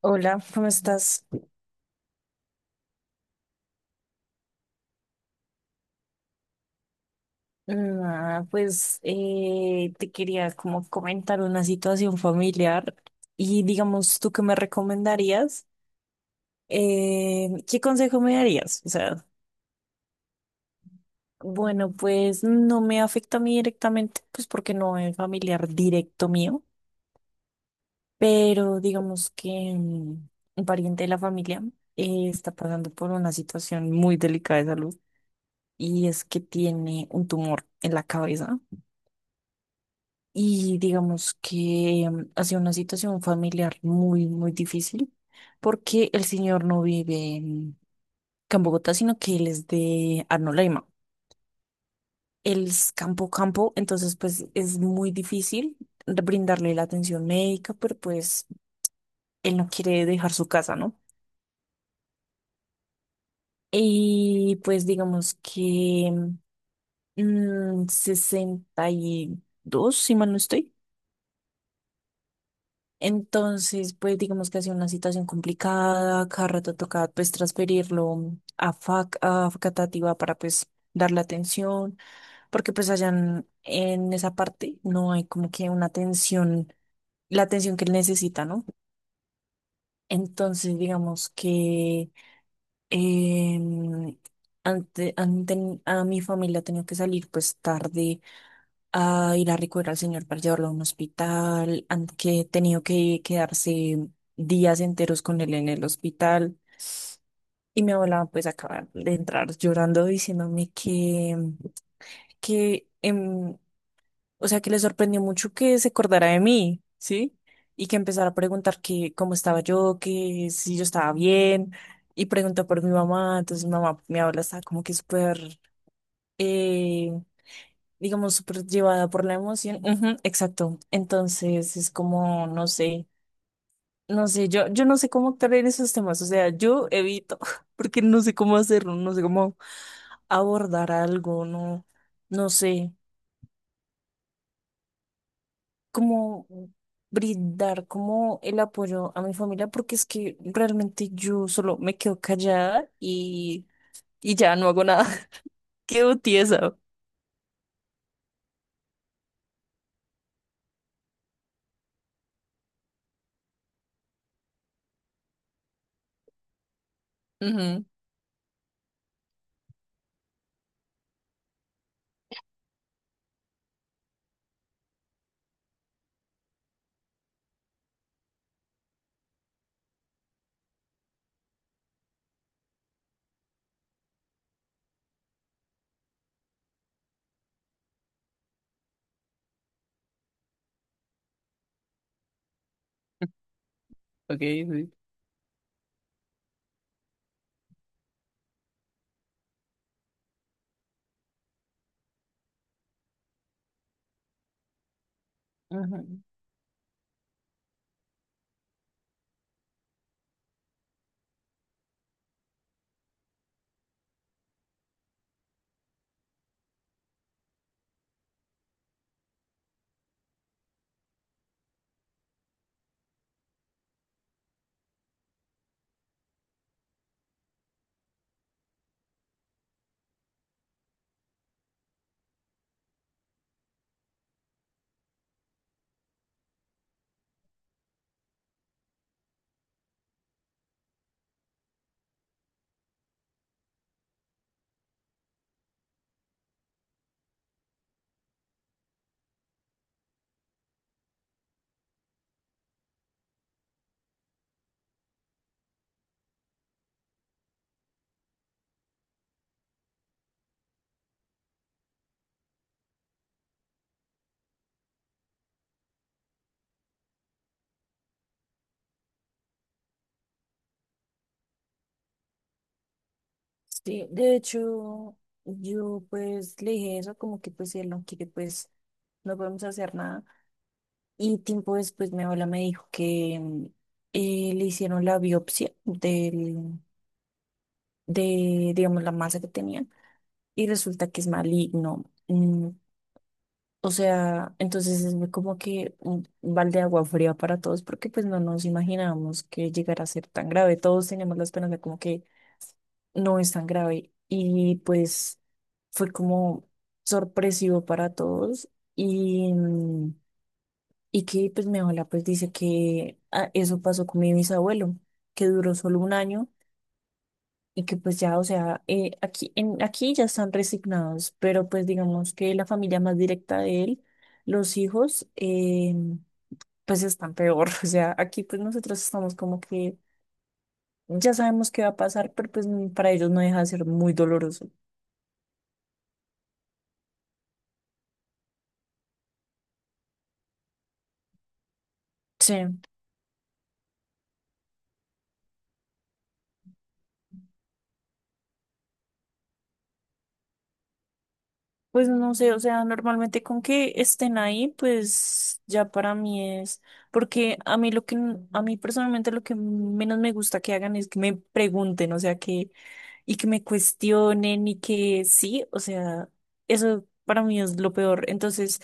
Hola, ¿cómo estás? Nada, pues te quería como comentar una situación familiar y digamos, ¿tú qué me recomendarías? ¿Qué consejo me darías? O sea, bueno, pues no me afecta a mí directamente, pues porque no es familiar directo mío, pero digamos que mm, un pariente de la familia está pasando por una situación muy delicada de salud y es que tiene un tumor en la cabeza. Y digamos que ha sido una situación familiar muy, muy difícil porque el señor no vive en Campo Bogotá, sino que él es de Arnolaima. Él es campo campo, entonces pues es muy difícil brindarle la atención médica, pero pues él no quiere dejar su casa, ¿no? Y pues digamos que 62, si mal no estoy. Entonces, pues digamos que ha sido una situación complicada, cada rato toca pues transferirlo a FAC, a Facatativá para pues darle atención, porque pues allá en esa parte no hay como que una atención, la atención que él necesita, ¿no? Entonces, digamos que em, a mi familia ha tenido que salir pues tarde a ir a recoger al señor para llevarlo a un hospital, han que he tenido que quedarse días enteros con él en el hospital. Y mi abuela pues acaba de entrar llorando que o sea, que le sorprendió mucho que se acordara de mí, ¿sí? Y que empezara a preguntar que cómo estaba yo, que si yo estaba bien, y preguntó por mi mamá, entonces mi mamá, mi abuela estaba como que súper eh, digamos, súper llevada por la emoción. Ujú, exacto. Entonces es como, no sé, no sé, yo no sé cómo actuar en esos temas, o sea, yo evito, porque no sé cómo hacerlo, no sé cómo abordar algo, no, no sé cómo brindar como el apoyo a mi familia, porque es que realmente yo solo me quedo callada y ya no hago nada, quedo tiesa. Ujú, ujú. Sí, de hecho, yo pues le dije eso, como que pues si él no quiere, pues no podemos hacer nada. Y tiempo después mi abuela me dijo que le hicieron la biopsia de, digamos, la masa que tenía y resulta que es maligno. Mm, o sea, entonces es muy como que un balde de agua fría para todos porque pues no nos imaginábamos que llegara a ser tan grave. Todos teníamos la esperanza como que no es tan grave. Y pues fue como sorpresivo para todos. Y, mm, y que pues mi abuela pues dice que ah, eso pasó con mi bisabuelo, que duró solo un año y que pues ya, o sea, aquí ya están resignados, pero pues digamos que la familia más directa de él, los hijos, pues están peor. O sea, aquí pues nosotros estamos como que ya sabemos qué va a pasar, pero pues para ellos no deja de ser muy doloroso. Sí. Pues no sé, o sea, normalmente con que estén ahí, pues ya para mí es, porque a mí n- a mí personalmente lo que menos me gusta que hagan es que me pregunten, o sea, que, y que me cuestionen y que sí, o sea, eso para mí es lo peor. Entonces,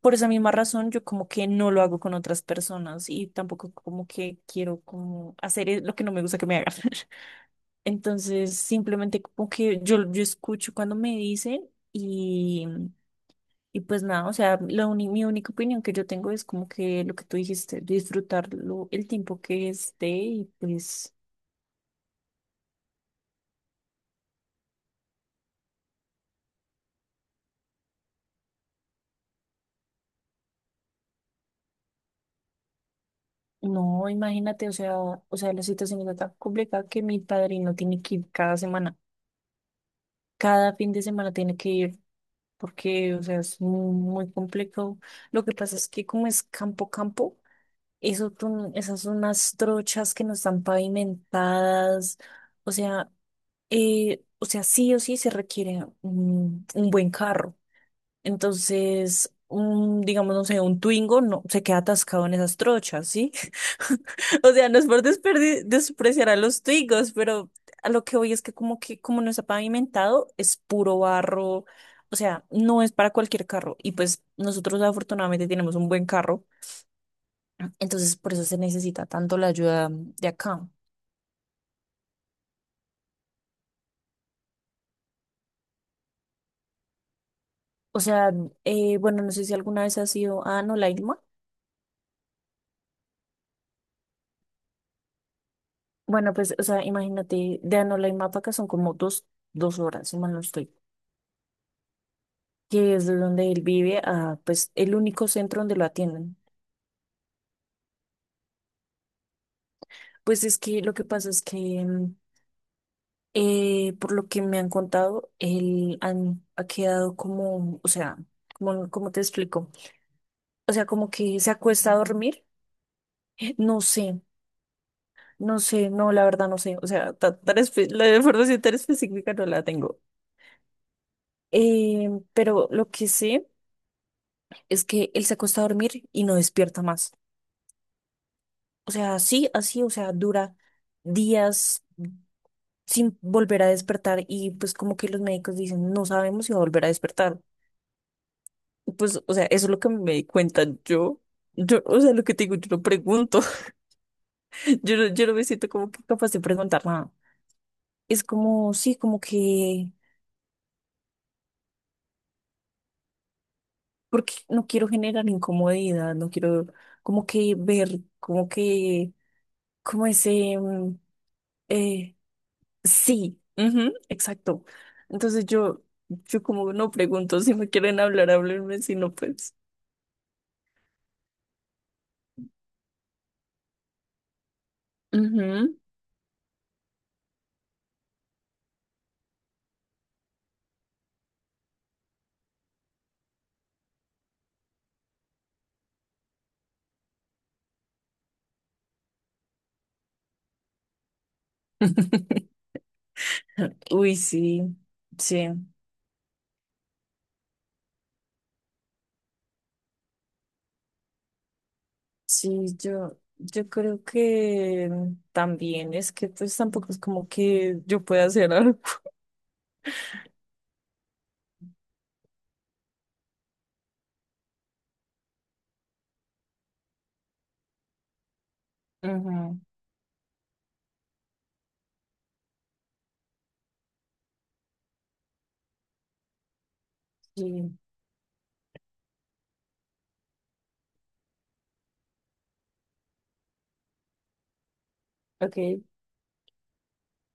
por esa misma razón, yo como que no lo hago con otras personas y tampoco como que quiero como hacer es- lo que no me gusta que me hagan. Entonces, simplemente como que yo escucho cuando me dicen y pues nada, o sea, la uni- mi única opinión que yo tengo es como que lo que tú dijiste, disfrutarlo el tiempo que esté y pues no, imagínate, o sea, la situación está tan complicada que mi padrino tiene que ir cada semana, cada fin de semana tiene que ir porque, o sea, es muy, muy complejo. Lo que pasa es que como es campo, campo, eso, tú- esas son unas trochas que no están pavimentadas, o sea, o sea, sí o sí se requiere un buen carro. Entonces, un, digamos, no sé, un Twingo no, se queda atascado en esas trochas, ¿sí? O sea, no es por desperdi- despreciar a los Twingos, pero a lo que voy es que como no está pavimentado, es puro barro. O sea, no es para cualquier carro. Y pues nosotros afortunadamente tenemos un buen carro. Entonces, por eso se necesita tanto la ayuda de acá. O sea, bueno, no sé si alguna vez has ido a Anolaima. Bueno, pues, o sea, imagínate, de Anolaima para acá son como dos, dos horas, si mal no estoy. Que es de donde él vive, a pues el único centro donde lo atienden. Pues es que lo que pasa es que, mm, por lo que me han contado, ha quedado como, o sea, como, ¿como te explico? O sea, como que se acuesta a dormir. No sé, no sé, no, la verdad no sé. O sea, ta- tan espe- la información tan específica no la tengo. Pero lo que sé es que él se acuesta a dormir y no despierta más. O sea, sí, así, o sea, dura días, sin volver a despertar y pues como que los médicos dicen, no sabemos si va a volver a despertar. Pues, o sea, eso es lo que me di cuenta yo. Yo, o sea, lo que te digo, yo no pregunto, yo no me siento como que capaz de preguntar nada. Es como, sí, como que, porque no quiero generar incomodidad, no quiero como que ver, como que, como ese, eh, sí, ujú, exacto. Entonces yo como no pregunto, si me quieren hablar, háblenme, si no, pues. Ujú. Uy, sí, sí, sí, yo creo que también es que pues tampoco es como que yo pueda hacer algo. Ujú, sí, ok.